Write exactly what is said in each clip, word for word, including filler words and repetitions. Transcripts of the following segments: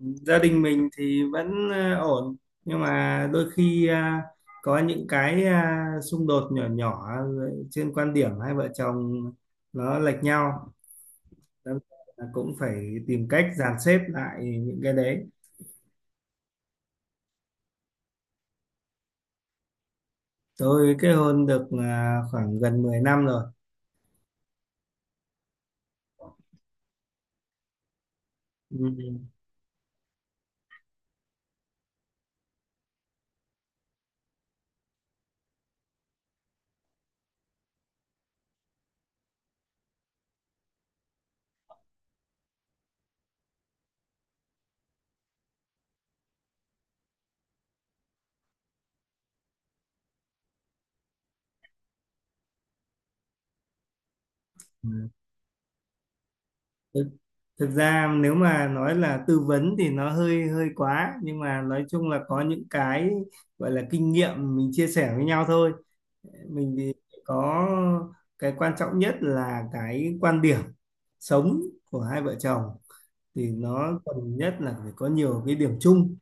Gia đình mình thì vẫn ờ, ổn, nhưng mà đôi khi à, có những cái à, xung đột nhỏ nhỏ trên quan điểm. Hai vợ chồng nó lệch nhau. Đâm ra là cũng phải tìm cách dàn xếp lại những cái đấy. Tôi kết hôn được à, khoảng gần mười năm rồi. Ừ. Ừ. thực, thực ra nếu mà nói là tư vấn thì nó hơi hơi quá, nhưng mà nói chung là có những cái gọi là kinh nghiệm mình chia sẻ với nhau thôi. Mình thì có cái quan trọng nhất là cái quan điểm sống của hai vợ chồng, thì nó cần nhất là phải có nhiều cái điểm chung.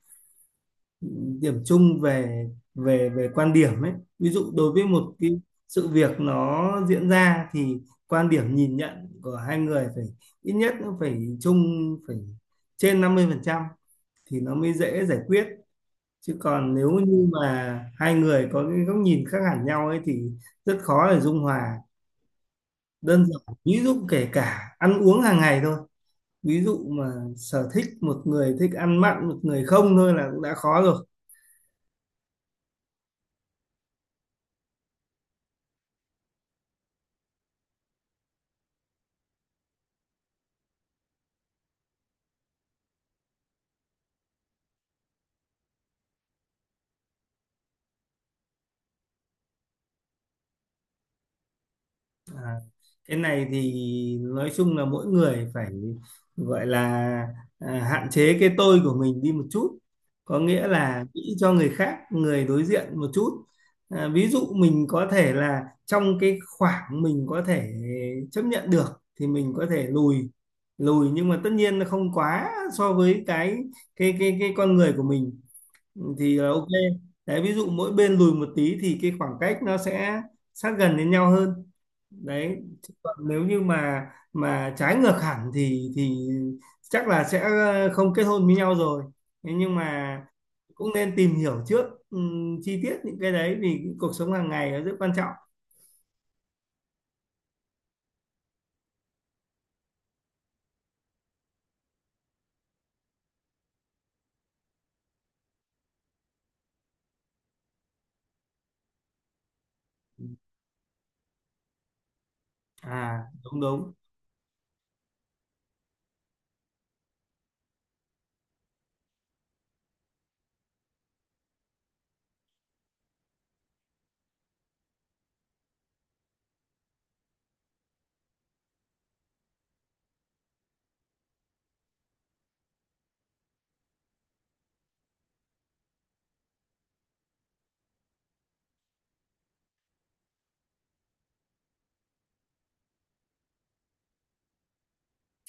Điểm chung về về về quan điểm ấy. Ví dụ đối với một cái sự việc nó diễn ra thì quan điểm nhìn nhận của hai người phải ít nhất nó phải chung, phải trên năm mươi phần trăm thì nó mới dễ giải quyết. Chứ còn nếu như mà hai người có cái góc nhìn khác hẳn nhau ấy thì rất khó để dung hòa. Đơn giản ví dụ kể cả ăn uống hàng ngày thôi, ví dụ mà sở thích một người thích ăn mặn, một người không, thôi là cũng đã khó rồi. À, cái này thì nói chung là mỗi người phải gọi là à, hạn chế cái tôi của mình đi một chút, có nghĩa là nghĩ cho người khác, người đối diện một chút. À, ví dụ mình có thể là trong cái khoảng mình có thể chấp nhận được thì mình có thể lùi. Lùi nhưng mà tất nhiên là không quá so với cái cái cái cái con người của mình, thì là ok. Đấy, ví dụ mỗi bên lùi một tí thì cái khoảng cách nó sẽ sát gần đến nhau hơn. Đấy. Chứ còn nếu như mà mà trái ngược hẳn thì thì chắc là sẽ ờ, không kết hôn với nhau rồi. Thế nhưng mà cũng nên tìm hiểu trước ừm, chi tiết những cái đấy, vì cuộc sống hàng ngày nó rất quan trọng. À, đúng đúng.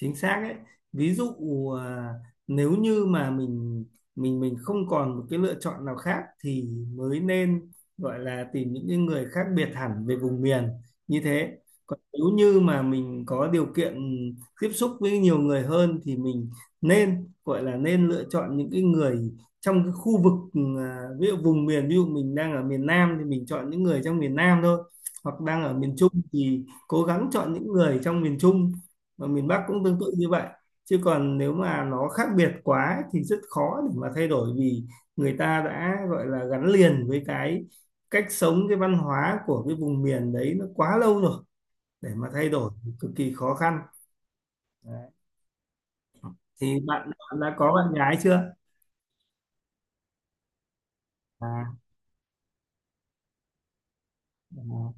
Chính xác đấy. Ví dụ à, nếu như mà mình mình mình không còn một cái lựa chọn nào khác thì mới nên gọi là tìm những cái người khác biệt hẳn về vùng miền như thế. Còn nếu như mà mình có điều kiện tiếp xúc với nhiều người hơn thì mình nên gọi là nên lựa chọn những cái người trong cái khu vực, ừ, à, ví dụ vùng miền. Ví dụ mình đang ở miền Nam thì mình chọn những người trong miền Nam thôi, hoặc đang ở miền Trung thì cố gắng chọn những người trong miền Trung. Mà miền Bắc cũng tương tự như vậy. Chứ còn nếu mà nó khác biệt quá thì rất khó để mà thay đổi, vì người ta đã gọi là gắn liền với cái cách sống, cái văn hóa của cái vùng miền đấy nó quá lâu rồi, để mà thay đổi thì cực kỳ khó khăn. Đấy. Thì bạn, bạn đã có bạn gái chưa? à, à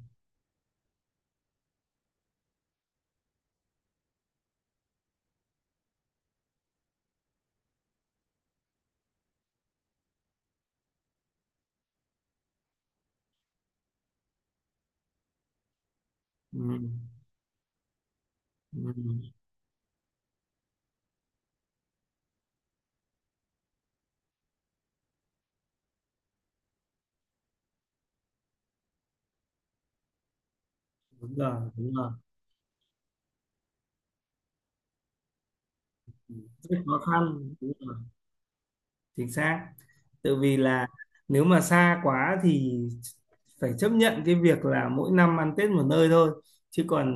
ừ, ừ, đúng rồi đúng rồi. Rất khó khăn. Đúng rồi. Chính xác. Tự vì là nếu mà xa quá thì phải chấp nhận cái việc là mỗi năm ăn Tết một nơi thôi. Chứ còn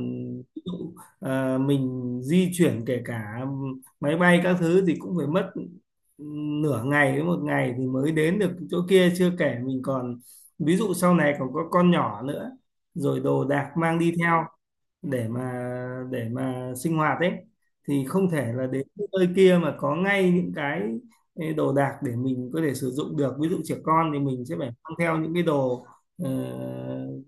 ví dụ, ờ, mình di chuyển kể cả máy bay các thứ thì cũng phải mất nửa ngày đến một ngày thì mới đến được chỗ kia, chưa kể mình còn, ví dụ sau này còn có con nhỏ nữa, rồi đồ đạc mang đi theo để mà để mà sinh hoạt ấy, thì không thể là đến nơi kia mà có ngay những cái cái đồ đạc để mình có thể sử dụng được. Ví dụ trẻ con thì mình sẽ phải mang theo những cái đồ ờ,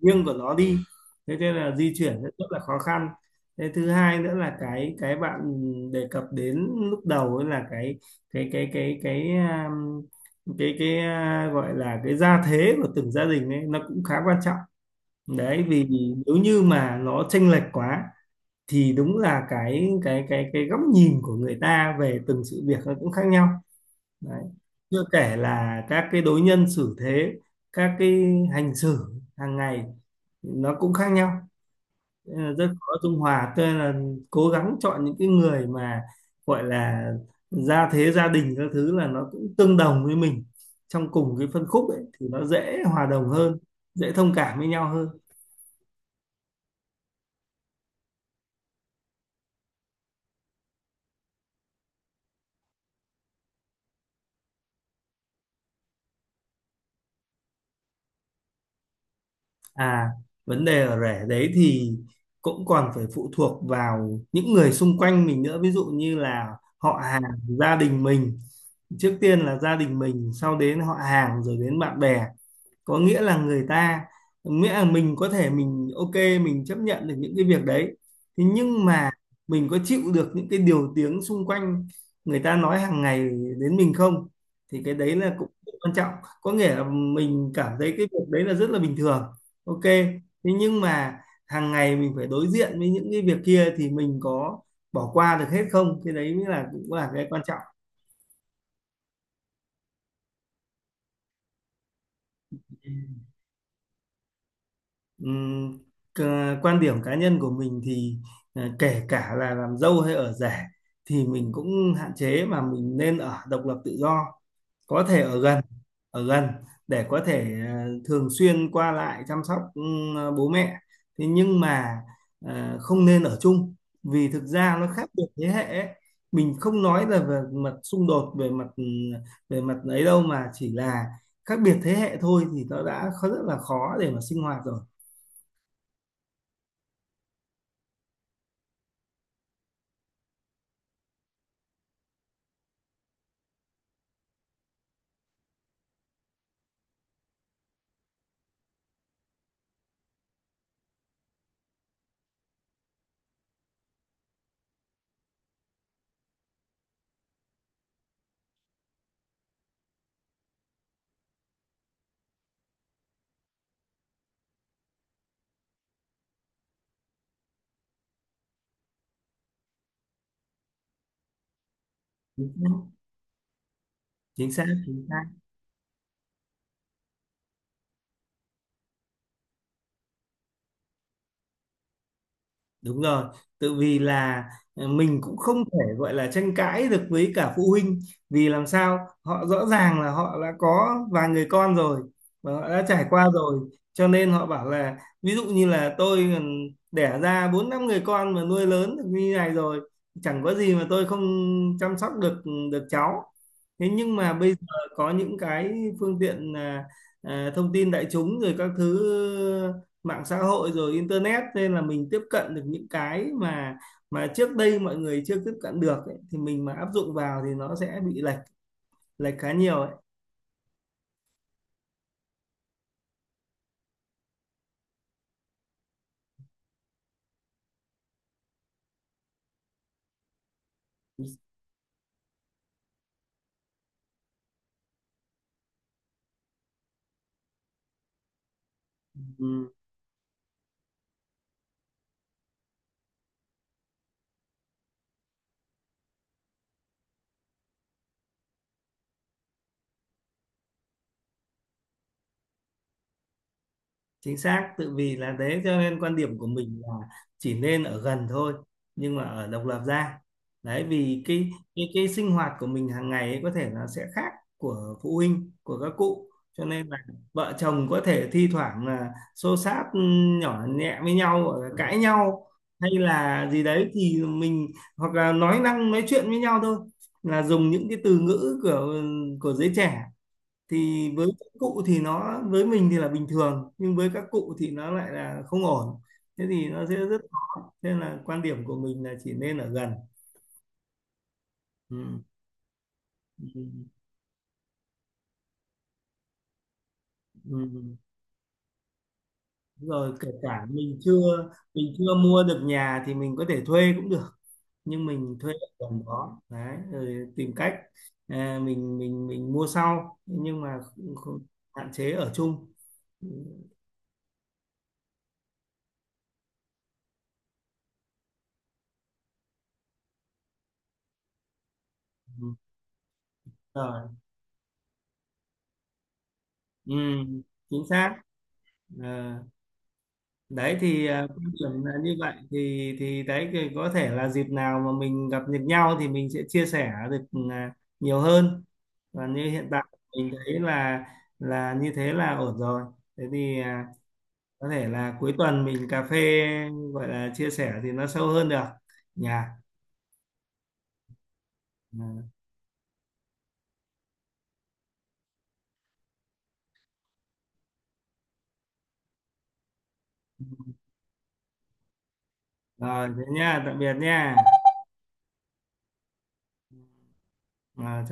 riêng của nó đi. Thế nên là di chuyển rất rất là khó khăn. Thế thứ hai nữa là cái cái bạn đề cập đến lúc đầu ấy, là cái cái cái cái cái um, cái cái à, gọi là cái gia thế của từng gia đình ấy, nó cũng khá quan trọng. Đấy, vì nếu như mà nó chênh lệch quá thì đúng là cái cái cái cái góc nhìn của người ta về từng sự việc nó cũng khác nhau. Đấy. Chưa kể là các cái đối nhân xử thế, các cái hành xử hàng ngày nó cũng khác nhau. Nên là rất khó dung hòa. Tôi là cố gắng chọn những cái người mà gọi là gia thế gia đình các thứ là nó cũng tương đồng với mình, trong cùng cái phân khúc ấy thì nó dễ hòa đồng hơn, dễ thông cảm với nhau hơn. À, vấn đề ở rể đấy thì cũng còn phải phụ thuộc vào những người xung quanh mình nữa, ví dụ như là họ hàng, gia đình mình. Trước tiên là gia đình mình, sau đến họ hàng rồi đến bạn bè, có nghĩa là người ta, nghĩa là mình có thể mình ok, mình chấp nhận được những cái việc đấy. Thế nhưng mà mình có chịu được những cái điều tiếng xung quanh người ta nói hàng ngày đến mình không, thì cái đấy là cũng quan trọng. Có nghĩa là mình cảm thấy cái việc đấy là rất là bình thường, ok. Thế nhưng mà hàng ngày mình phải đối diện với những cái việc kia thì mình có bỏ qua được hết không, cái đấy mới là cũng là cái quan trọng. Ừm, c- Quan điểm cá nhân của mình thì à, kể cả là làm dâu hay ở rể thì mình cũng hạn chế, mà mình nên ở độc lập tự do, có thể ở gần. Ở gần để có thể à, thường xuyên qua lại chăm sóc ừm, bố mẹ. Thế nhưng mà à, không nên ở chung, vì thực ra nó khác biệt thế hệ ấy. Mình không nói là về mặt xung đột, về mặt ừm, về mặt ấy đâu, mà chỉ là khác biệt thế hệ thôi thì nó đã khó- rất là khó để mà sinh hoạt rồi. Chính xác chính xác chính xác. Đúng rồi. Tự vì là ờ, mình cũng không thể gọi là tranh cãi được với cả phụ huynh, vì làm sao họ, rõ ràng là họ đã có vài người con rồi và họ đã trải qua rồi, cho nên họ bảo là, ví dụ như là tôi đẻ ra bốn năm người con mà nuôi lớn được như này rồi, chẳng có gì mà tôi không chăm sóc được, được cháu. Thế nhưng mà bây giờ có những cái phương tiện à, à, thông tin đại chúng rồi các thứ, mạng xã hội rồi internet, nên là mình tiếp cận được những cái mà mà trước đây mọi người chưa tiếp cận được ấy, thì mình mà áp dụng vào thì nó sẽ bị lệch, lệch khá nhiều ấy. Ừ. Chính xác. Tự vì là thế cho nên quan điểm của mình là chỉ nên ở gần thôi, nhưng mà ở độc lập ra. Đấy, vì cái cái cái sinh hoạt của mình hàng ngày ấy có thể nó sẽ khác của phụ huynh, của các cụ. Cho nên là vợ chồng có thể thi thoảng là xô xát ừm, nhỏ nhẹ với nhau, hoặc là cãi nhau hay là gì đấy thì mình, hoặc là nói năng nói chuyện với nhau thôi, là dùng những cái từ ngữ của của giới trẻ, thì với các cụ thì nó, với mình thì là bình thường, nhưng với các cụ thì nó lại là không ổn. Thế thì nó sẽ rất khó, nên là quan điểm của mình là chỉ nên ở gần. Ừ. Ừ. Ừ. Đúng rồi, kể cả mình chưa mình chưa mua được nhà thì mình có thể thuê cũng được, nhưng mình thuê ở gần đó đấy, rồi tìm cách à, mình mình mình mua sau. Nhưng mà không, không, hạn chế ở chung. Ừ. Rồi. Ừ. Chính xác. Ờ. Đấy thì à, quan điểm là như vậy, thì thì đấy thì có thể là dịp nào mà mình gặp được nhau thì mình sẽ chia sẻ được à, nhiều hơn. Và như hiện tại mình thấy là là như thế là ổn rồi. Thế thì à, có thể là cuối tuần mình cà phê, gọi là chia sẻ thì nó sâu hơn được. Nhà. Rồi, thế nha, tạm biệt nha. Ờ,